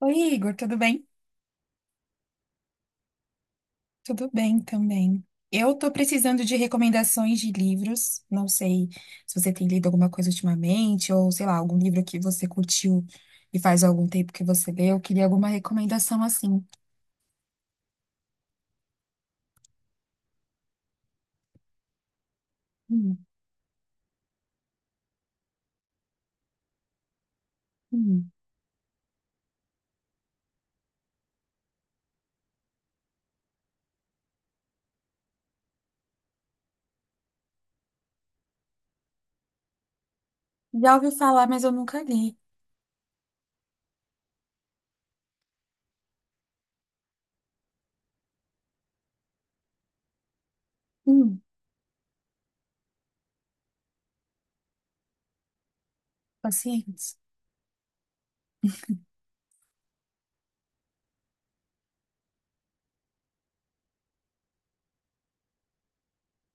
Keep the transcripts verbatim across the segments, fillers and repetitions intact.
Oi, Igor, tudo bem? Tudo bem também. Eu tô precisando de recomendações de livros. Não sei se você tem lido alguma coisa ultimamente, ou sei lá, algum livro que você curtiu e faz algum tempo que você leu. Eu queria alguma recomendação assim. Hum, hum. Já ouvi falar, mas eu nunca li. Hum, paciência.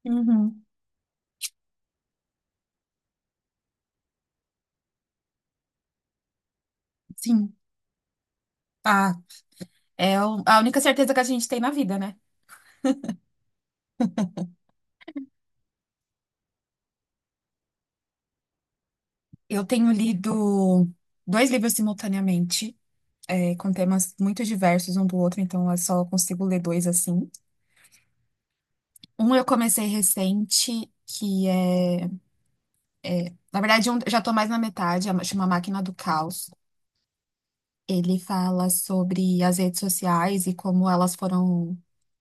Uhum, sim. Ah, é o- a única certeza que a gente tem na vida, né? Eu tenho lido dois livros simultaneamente. É, com temas muito diversos um do outro, então eu só consigo ler dois assim. Um eu comecei recente, que é. Na verdade, um, já tô mais na metade, é- chama Máquina do Caos. Ele fala sobre as redes sociais e como elas foram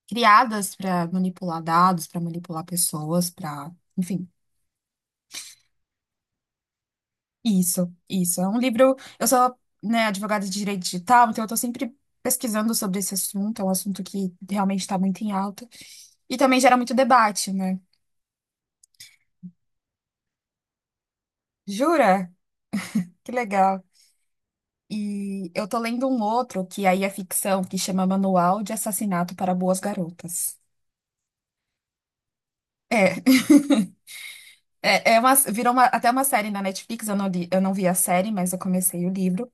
criadas para manipular dados, para manipular pessoas, para. Enfim, isso, isso. É um livro. Eu sou, né, advogada de direito digital, então eu tô sempre. pesquisando sobre esse assunto, é um assunto que realmente está muito em alta. E também gera muito debate, né? Jura? Que legal. E eu tô lendo um outro que aí é ficção, que chama Manual de Assassinato para Boas Garotas. É, é, é uma, virou uma- até uma série na Netflix, eu não li, eu não vi a série, mas eu comecei o livro.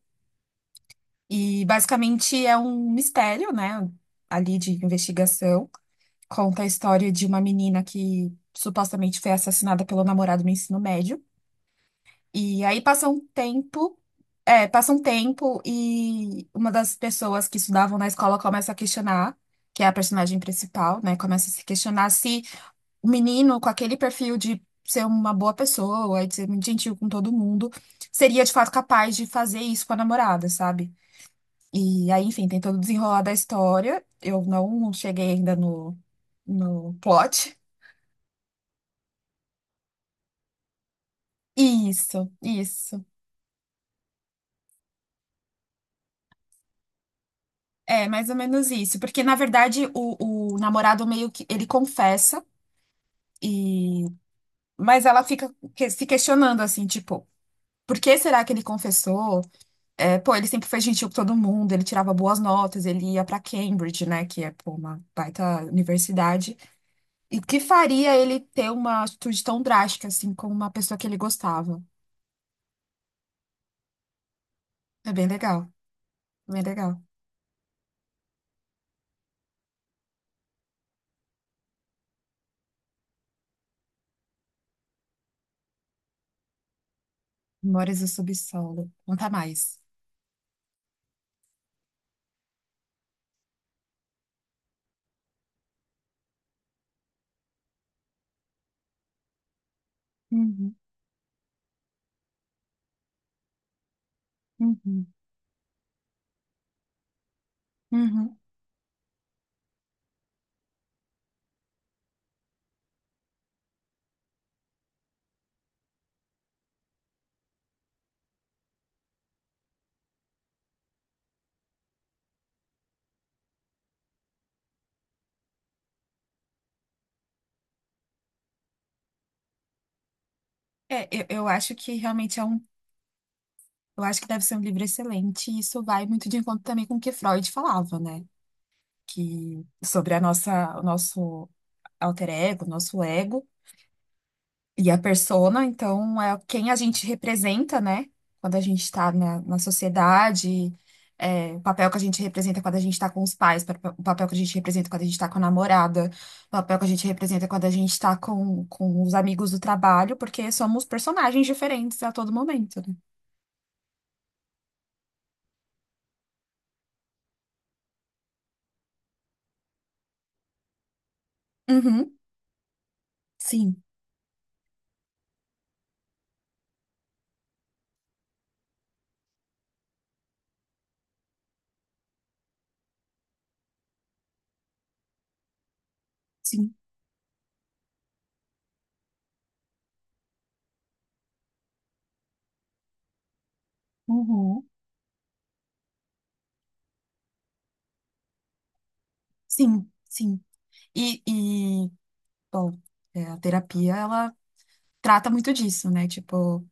E basicamente é um mistério, né, ali de investigação. Conta a história de uma menina que supostamente foi assassinada pelo namorado no ensino médio. E aí passa um tempo, é, passa um tempo e uma das pessoas que estudavam na escola começa a questionar, que é a personagem principal, né? Começa a se questionar se o menino com aquele perfil de ser uma boa pessoa, de ser muito gentil com todo mundo, seria de fato capaz de fazer isso com a namorada, sabe? E aí, enfim, tem todo o desenrolar da história. Eu não cheguei ainda no, no plot. Isso, isso. É, mais ou menos isso. Porque, na verdade, o, o namorado meio que ele confessa, e mas ela fica que- se questionando assim, tipo, por que será que ele confessou? É, pô, ele sempre foi gentil com todo mundo, ele tirava boas notas, ele ia pra Cambridge, né? Que é, pô, uma baita universidade. E o que faria ele ter uma atitude tão drástica, assim, com uma pessoa que ele gostava? É bem legal, bem legal. Memórias do subsolo. Conta mais. Uhum, uhum, uhum. É, eu, eu acho que realmente é um Eu acho que deve ser um livro excelente, e isso vai muito de encontro também com o que Freud falava, né? Que sobre a nossa, o nosso alter ego, o nosso ego e a persona, então é quem a gente representa, né? Quando a gente está na, na sociedade, é, o papel que a gente representa quando a gente está com os pais, pa- o papel que a gente representa quando a gente está com a namorada, o papel que a gente representa quando a gente está com, com os amigos do trabalho, porque somos personagens diferentes a todo momento, né? Uhum, sim, sim. Uhum. Sim, sim. E, e bom, é, a terapia, ela trata muito disso, né? Tipo,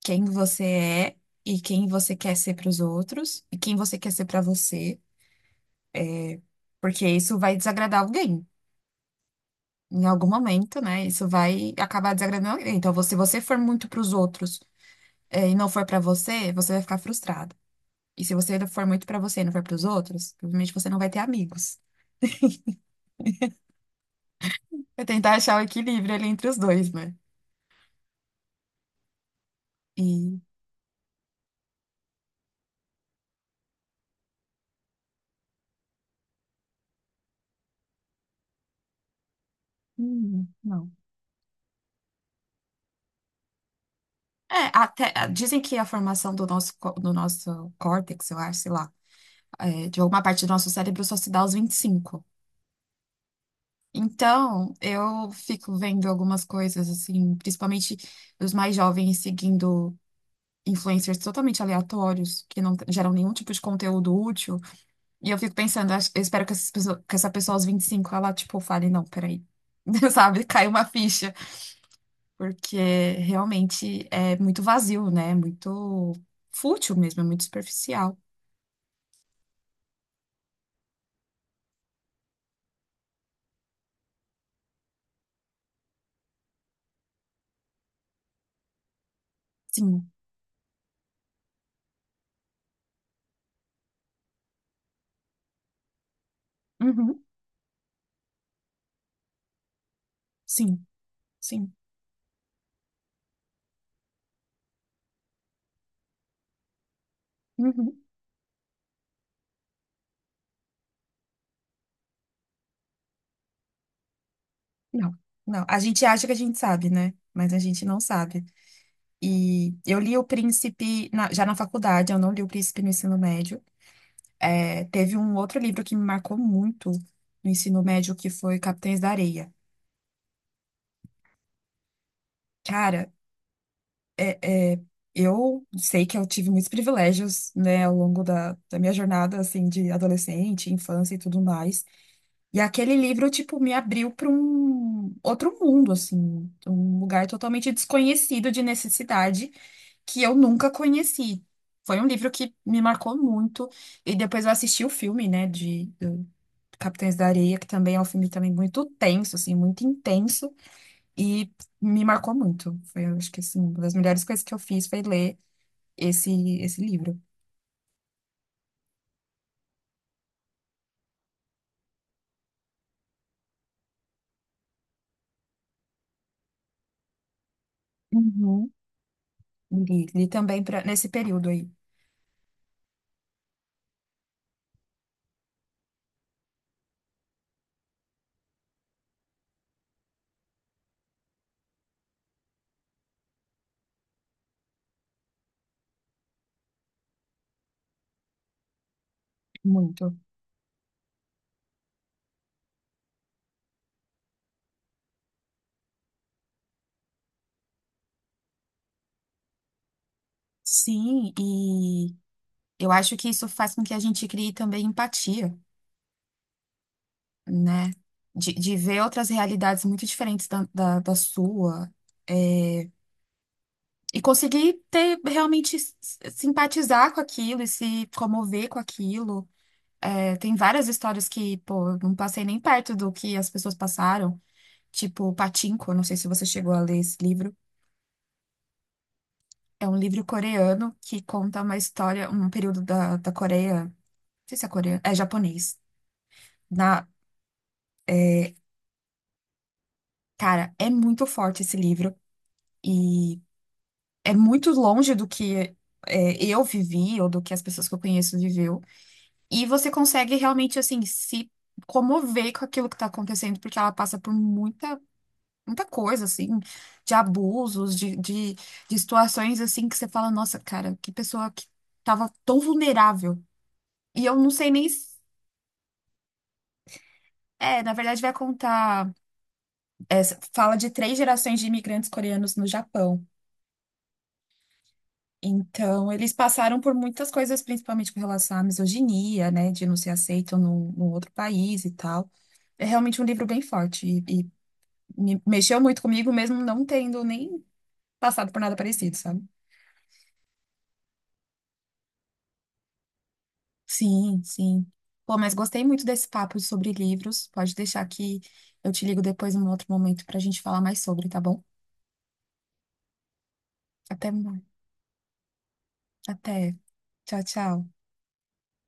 quem você é e quem você quer ser para os outros e quem você quer ser para você, porque isso vai desagradar alguém. Em algum momento, né? Isso vai acabar desagradando alguém. Então, se você for muito para os outros, é, e não for para você, você vai ficar frustrado. E se você for muito para você e não for para os outros, provavelmente você não vai ter amigos. É tentar achar o equilíbrio ali entre os dois, né? E. Hum, não. É, até, ah, dizem que a formação do nosso, có- do nosso córtex, eu acho, sei lá, é, de alguma parte do nosso cérebro só se dá aos vinte e cinco. Então, eu fico vendo algumas coisas, assim, principalmente os mais jovens seguindo influencers totalmente aleatórios, que não geram nenhum tipo de conteúdo útil. E eu fico pensando, acho- eu espero que, essas pessoas- que essa pessoa aos vinte e cinco ela, tipo, fale, não, peraí, sabe, cai uma ficha. Porque realmente é muito vazio, né? É muito fútil mesmo, é muito superficial. Sim. Uhum. Sim. Sim. Uhum. Não. Não. A gente acha que a gente sabe, né? Mas a gente não sabe. E eu li O Príncipe na- já na faculdade, eu não li O Príncipe no ensino médio. É, teve um outro livro que me marcou muito no ensino médio, que foi Capitães da Areia. Cara, é, é, eu sei que eu tive muitos privilégios, né, ao longo da, da minha jornada, assim, de adolescente, infância e tudo mais. E aquele livro, tipo, me abriu para um outro mundo, assim, um lugar totalmente desconhecido de necessidade que eu nunca conheci. Foi um livro que me marcou muito. E depois eu assisti o filme, né, de do Capitães da Areia, que também é um filme também muito tenso, assim, muito intenso. E me marcou muito. Foi, eu acho que assim, uma das melhores coisas que eu fiz foi ler esse, esse livro. Uhum. Li, li também pra, nesse período aí, muito. Sim, e eu acho que isso faz com que a gente crie também empatia, né? De, de ver outras realidades muito diferentes da, da, da sua, é, e conseguir ter realmente s- simpatizar com aquilo e se comover com aquilo. É, tem várias histórias que, pô, eu não passei nem perto do que as pessoas passaram. Tipo, Pachinko, não sei se você chegou a ler esse livro. É um livro coreano que conta uma história, um período da, da Coreia. Não sei se é coreano, é japonês. Na, cara, é muito forte esse livro e é muito longe do que é, eu vivi ou do que as pessoas que eu conheço viveu. E você consegue realmente, assim, se comover com aquilo que tá acontecendo, porque ela passa por muita muita coisa, assim, de abusos, de, de, de situações, assim, que você fala, nossa, cara, que pessoa que tava tão vulnerável. E eu não sei nem. Se- É, na verdade, vai contar. essa- fala de três gerações de imigrantes coreanos no Japão. Então, eles passaram por muitas coisas, principalmente com relação à misoginia, né, de não ser aceito num, num outro país e tal. É realmente um livro bem forte e, e me mexeu muito comigo, mesmo não tendo nem passado por nada parecido, sabe? Sim, sim. Pô, mas gostei muito desse papo sobre livros. Pode deixar que eu te ligo depois num outro momento pra gente falar mais sobre, tá bom? Até, mais. Até. Tchau, tchau.